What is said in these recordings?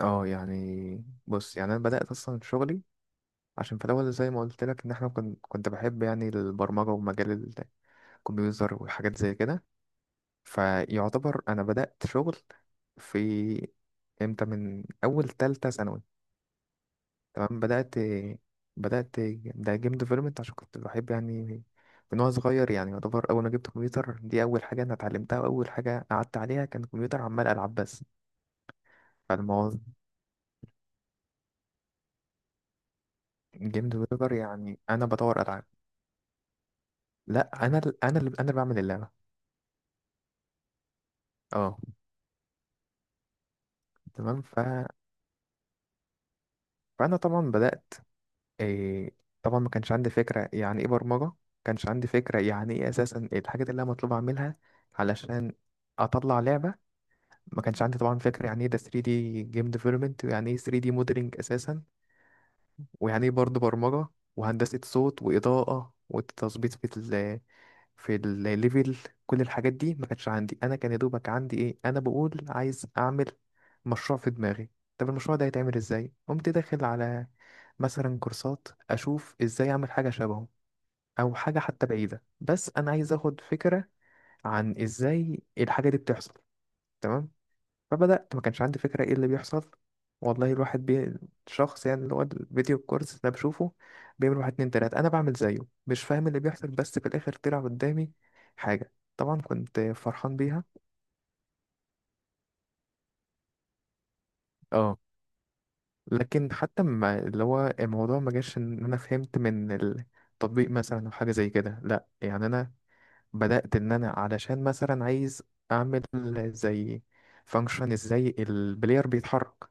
اه، يعني بص، يعني انا بدات اصلا شغلي. عشان في الاول زي ما قلت لك ان احنا كنت بحب يعني البرمجه ومجال الكمبيوتر وحاجات زي كده. فيعتبر انا بدات شغل في امتى؟ من اول تالتة ثانوي. تمام، بدات ده جيم ديفلوبمنت. عشان كنت بحب يعني من وانا صغير، يعني يعتبر اول ما جبت كمبيوتر دي اول حاجه انا اتعلمتها، واول حاجه قعدت عليها كان كمبيوتر عمال العب بس. فالموضوع جيم ديفلوبر يعني انا بطور العاب. لا، انا اللي بعمل اللعبه. اه، تمام. فانا طبعا بدات. إيه... طبعا ما كانش عندي فكره يعني ايه برمجه، ما كانش عندي فكره يعني ايه اساسا الحاجات اللي انا مطلوب اعملها علشان اطلع لعبه. ما كانش عندي طبعا فكره يعني ايه ده 3D جيم ديفلوبمنت، ويعني ايه 3D موديلنج اساسا، ويعني ايه برضه برمجة وهندسة صوت وإضاءة وتظبيط في في الليفل. كل الحاجات دي ما كانتش عندي، أنا كان يا دوبك عندي إيه، أنا بقول عايز أعمل مشروع في دماغي، طب المشروع ده هيتعمل إزاي؟ قمت داخل على مثلا كورسات أشوف إزاي أعمل حاجة شبهه، أو حاجة حتى بعيدة بس أنا عايز أخد فكرة عن إزاي الحاجة دي بتحصل. تمام، فبدأت، ما كانش عندي فكرة ايه اللي بيحصل، والله الواحد شخص يعني اللي هو الفيديو الكورس ده بشوفه بيعمل واحد اتنين تلاتة أنا بعمل زيه، مش فاهم اللي بيحصل، بس في الآخر طلع قدامي حاجة طبعا كنت فرحان بيها. اه. لكن حتى ما اللي هو الموضوع ما جاش إن أنا فهمت من التطبيق مثلا أو حاجة زي كده، لأ، يعني أنا بدأت إن أنا علشان مثلا عايز أعمل زي فانكشن ازاي البلاير بيتحرك.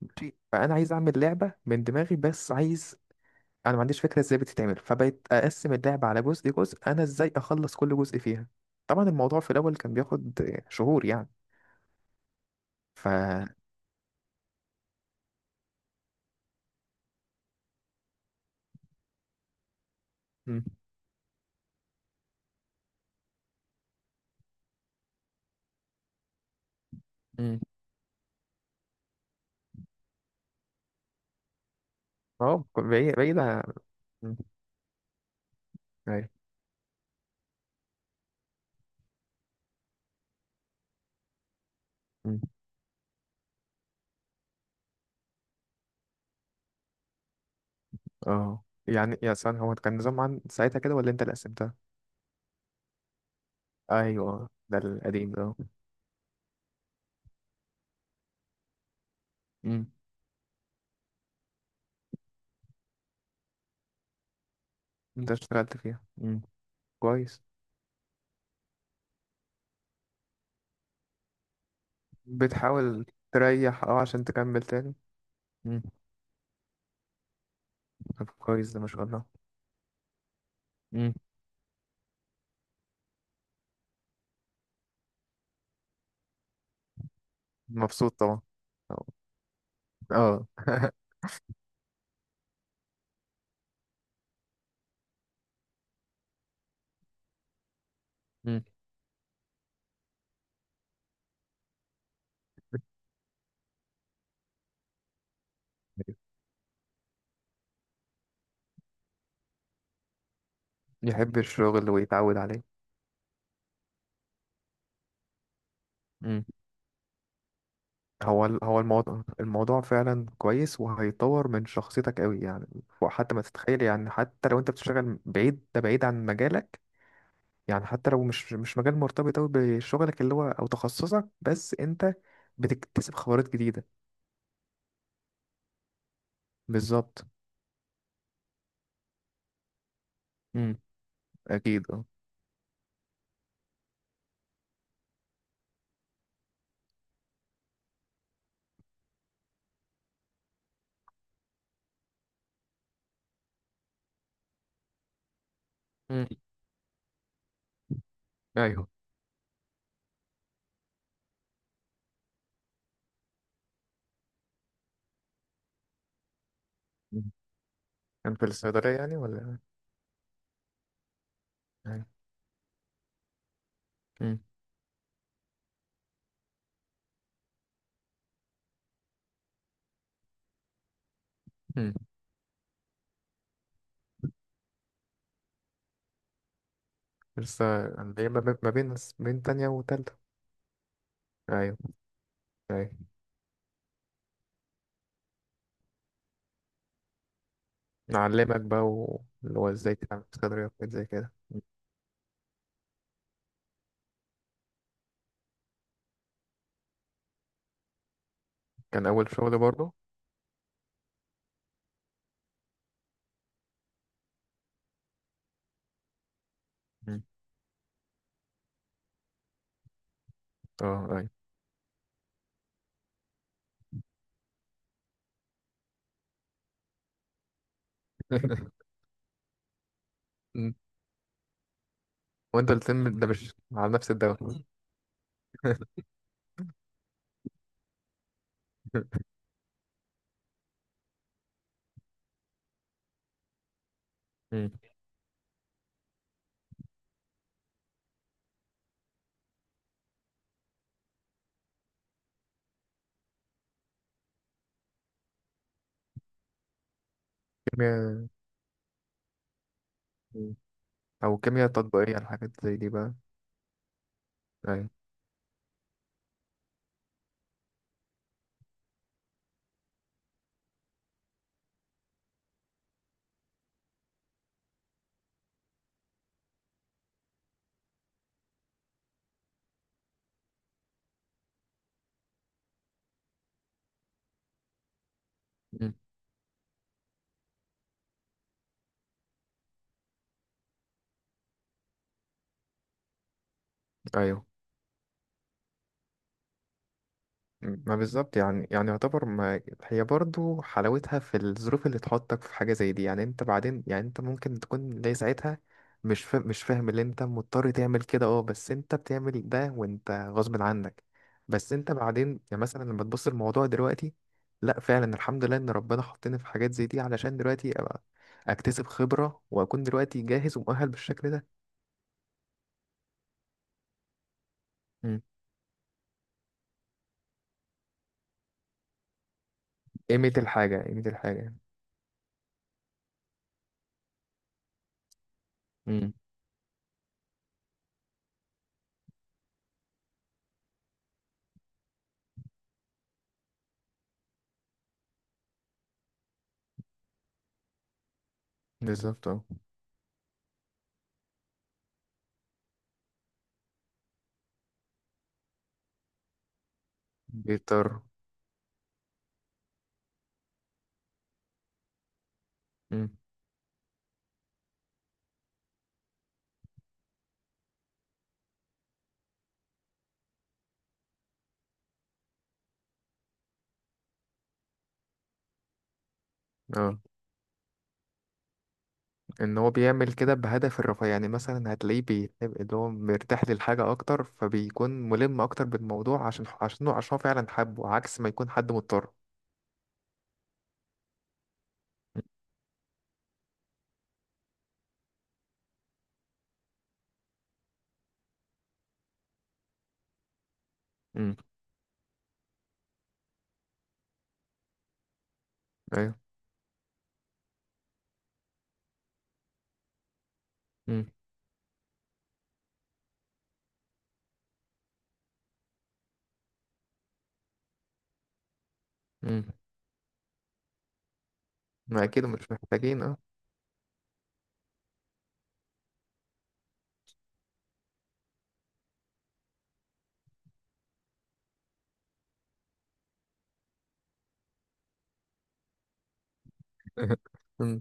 ماشي، فأنا عايز أعمل لعبة من دماغي بس عايز، انا ما عنديش فكره ازاي بتتعمل، فبقيت اقسم اللعبه على جزء جزء، انا ازاي اخلص كل جزء فيها. طبعا الموضوع في الاول كان بياخد شهور يعني. ف مم. مم. اه، بعيد، بعيد مم. أيوة. مم. اه، يعني يا سان هو كان نظام عن ساعتها كده ولا انت اللي قسمتها؟ ايوه، ده القديم ده. مم. انت اشتغلت فيها. مم. كويس. بتحاول تريح اه عشان تكمل تاني. مم. طب كويس، ده ما شاء الله. مم. مبسوط طبعا. اه مم. يحب الشغل ويتعود عليه. امم. هو الموضوع فعلا كويس، وهيطور من شخصيتك قوي يعني. وحتى ما تتخيل، يعني حتى لو انت بتشتغل بعيد، ده بعيد عن مجالك، يعني حتى لو مش مجال مرتبط قوي بشغلك اللي هو او تخصصك، بس انت بتكتسب خبرات جديدة. بالظبط. امم. اكيد اه. امم. ايوه. مم. كان في الصيدلية يعني ولا؟ أيوة. امم. مم. لسه اللي هي ما بين تانية وتالتة. أيوة. أيوة. نعلمك بقى اللي هو ازاي تعمل صدري وحاجات زي كده. كان اول شغل برضه؟ مم. اه اي وانت الترم ده مش على نفس الدواء مم. كيمياء. مم. او كيمياء تطبيقية الحاجات زي دي بقى. ايوه. مم. ايوه. ما بالظبط يعني، يعني يعتبر ما هي برضو حلاوتها في الظروف اللي تحطك في حاجة زي دي، يعني انت بعدين، يعني انت ممكن تكون زي ساعتها مش فاهم اللي انت مضطر تعمل كده، اه، بس انت بتعمل ده وانت غصب عنك. بس انت بعدين يعني مثلا لما تبص الموضوع دلوقتي، لا فعلا الحمد لله ان ربنا حطني في حاجات زي دي، علشان دلوقتي ابقى اكتسب خبرة واكون دلوقتي جاهز ومؤهل بالشكل ده. مم. قيمة الحاجة، قيمة الحاجة. مم. بالظبط اه. بيضطر. مم. اه، ان هو بيعمل كده بهدف الرفاه، يعني مثلا هتلاقيه بيحب اللي هو مرتاح للحاجة اكتر، فبيكون ملم اكتر بالموضوع عشان هو فعلا حبه، عكس ما يكون حد مضطر. مم. ايوه. مم. مم. ما اكيد مش محتاجين اه مم.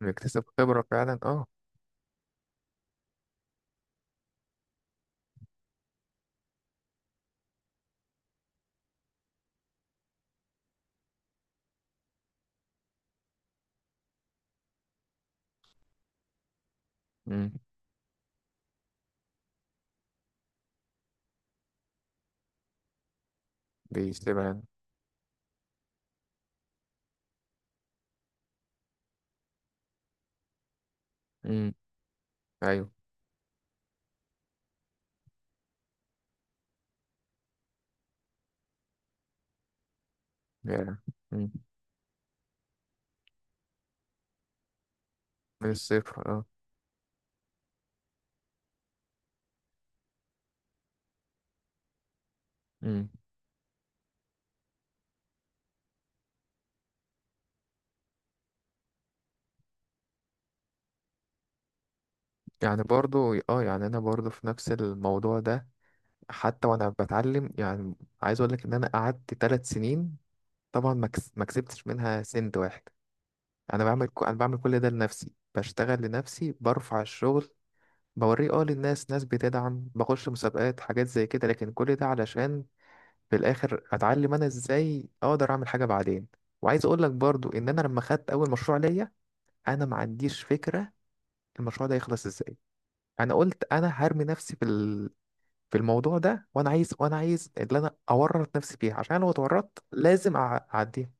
بيكتسب خبرة فعلا اه. مم. بيكتسبها يعني. مم. ايوه يعني. مم. من الصفر اه. مم. يعني برضو اه، يعني انا برضو في نفس الموضوع ده، حتى وانا بتعلم يعني، عايز اقول لك ان انا قعدت 3 سنين، طبعا ما كسبتش منها سنت واحد. انا بعمل كل ده لنفسي، بشتغل لنفسي، برفع الشغل بوريه اه للناس، ناس بتدعم، بخش مسابقات، حاجات زي كده، لكن كل ده علشان في الاخر اتعلم انا ازاي اقدر اعمل حاجه بعدين. وعايز اقول لك برضو ان انا لما خدت اول مشروع ليا، انا ما عنديش فكره المشروع ده يخلص ازاي. انا قلت انا هرمي نفسي في في الموضوع ده، وانا عايز، وانا عايز اللي انا اورط نفسي فيه عشان لو اتورطت لازم اعديه.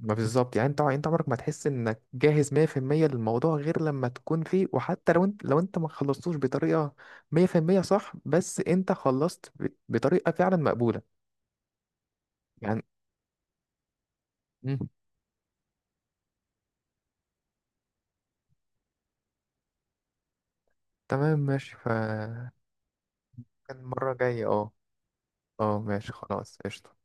ما بالظبط يعني، انت عمرك ما تحس انك جاهز 100% للموضوع غير لما تكون فيه، وحتى لو انت ما خلصتوش بطريقة 100% صح، بس انت خلصت بطريقة فعلا مقبولة يعني. مم. تمام، ماشي. كان مرة جاية اه. اه، ماشي خلاص، قشطة.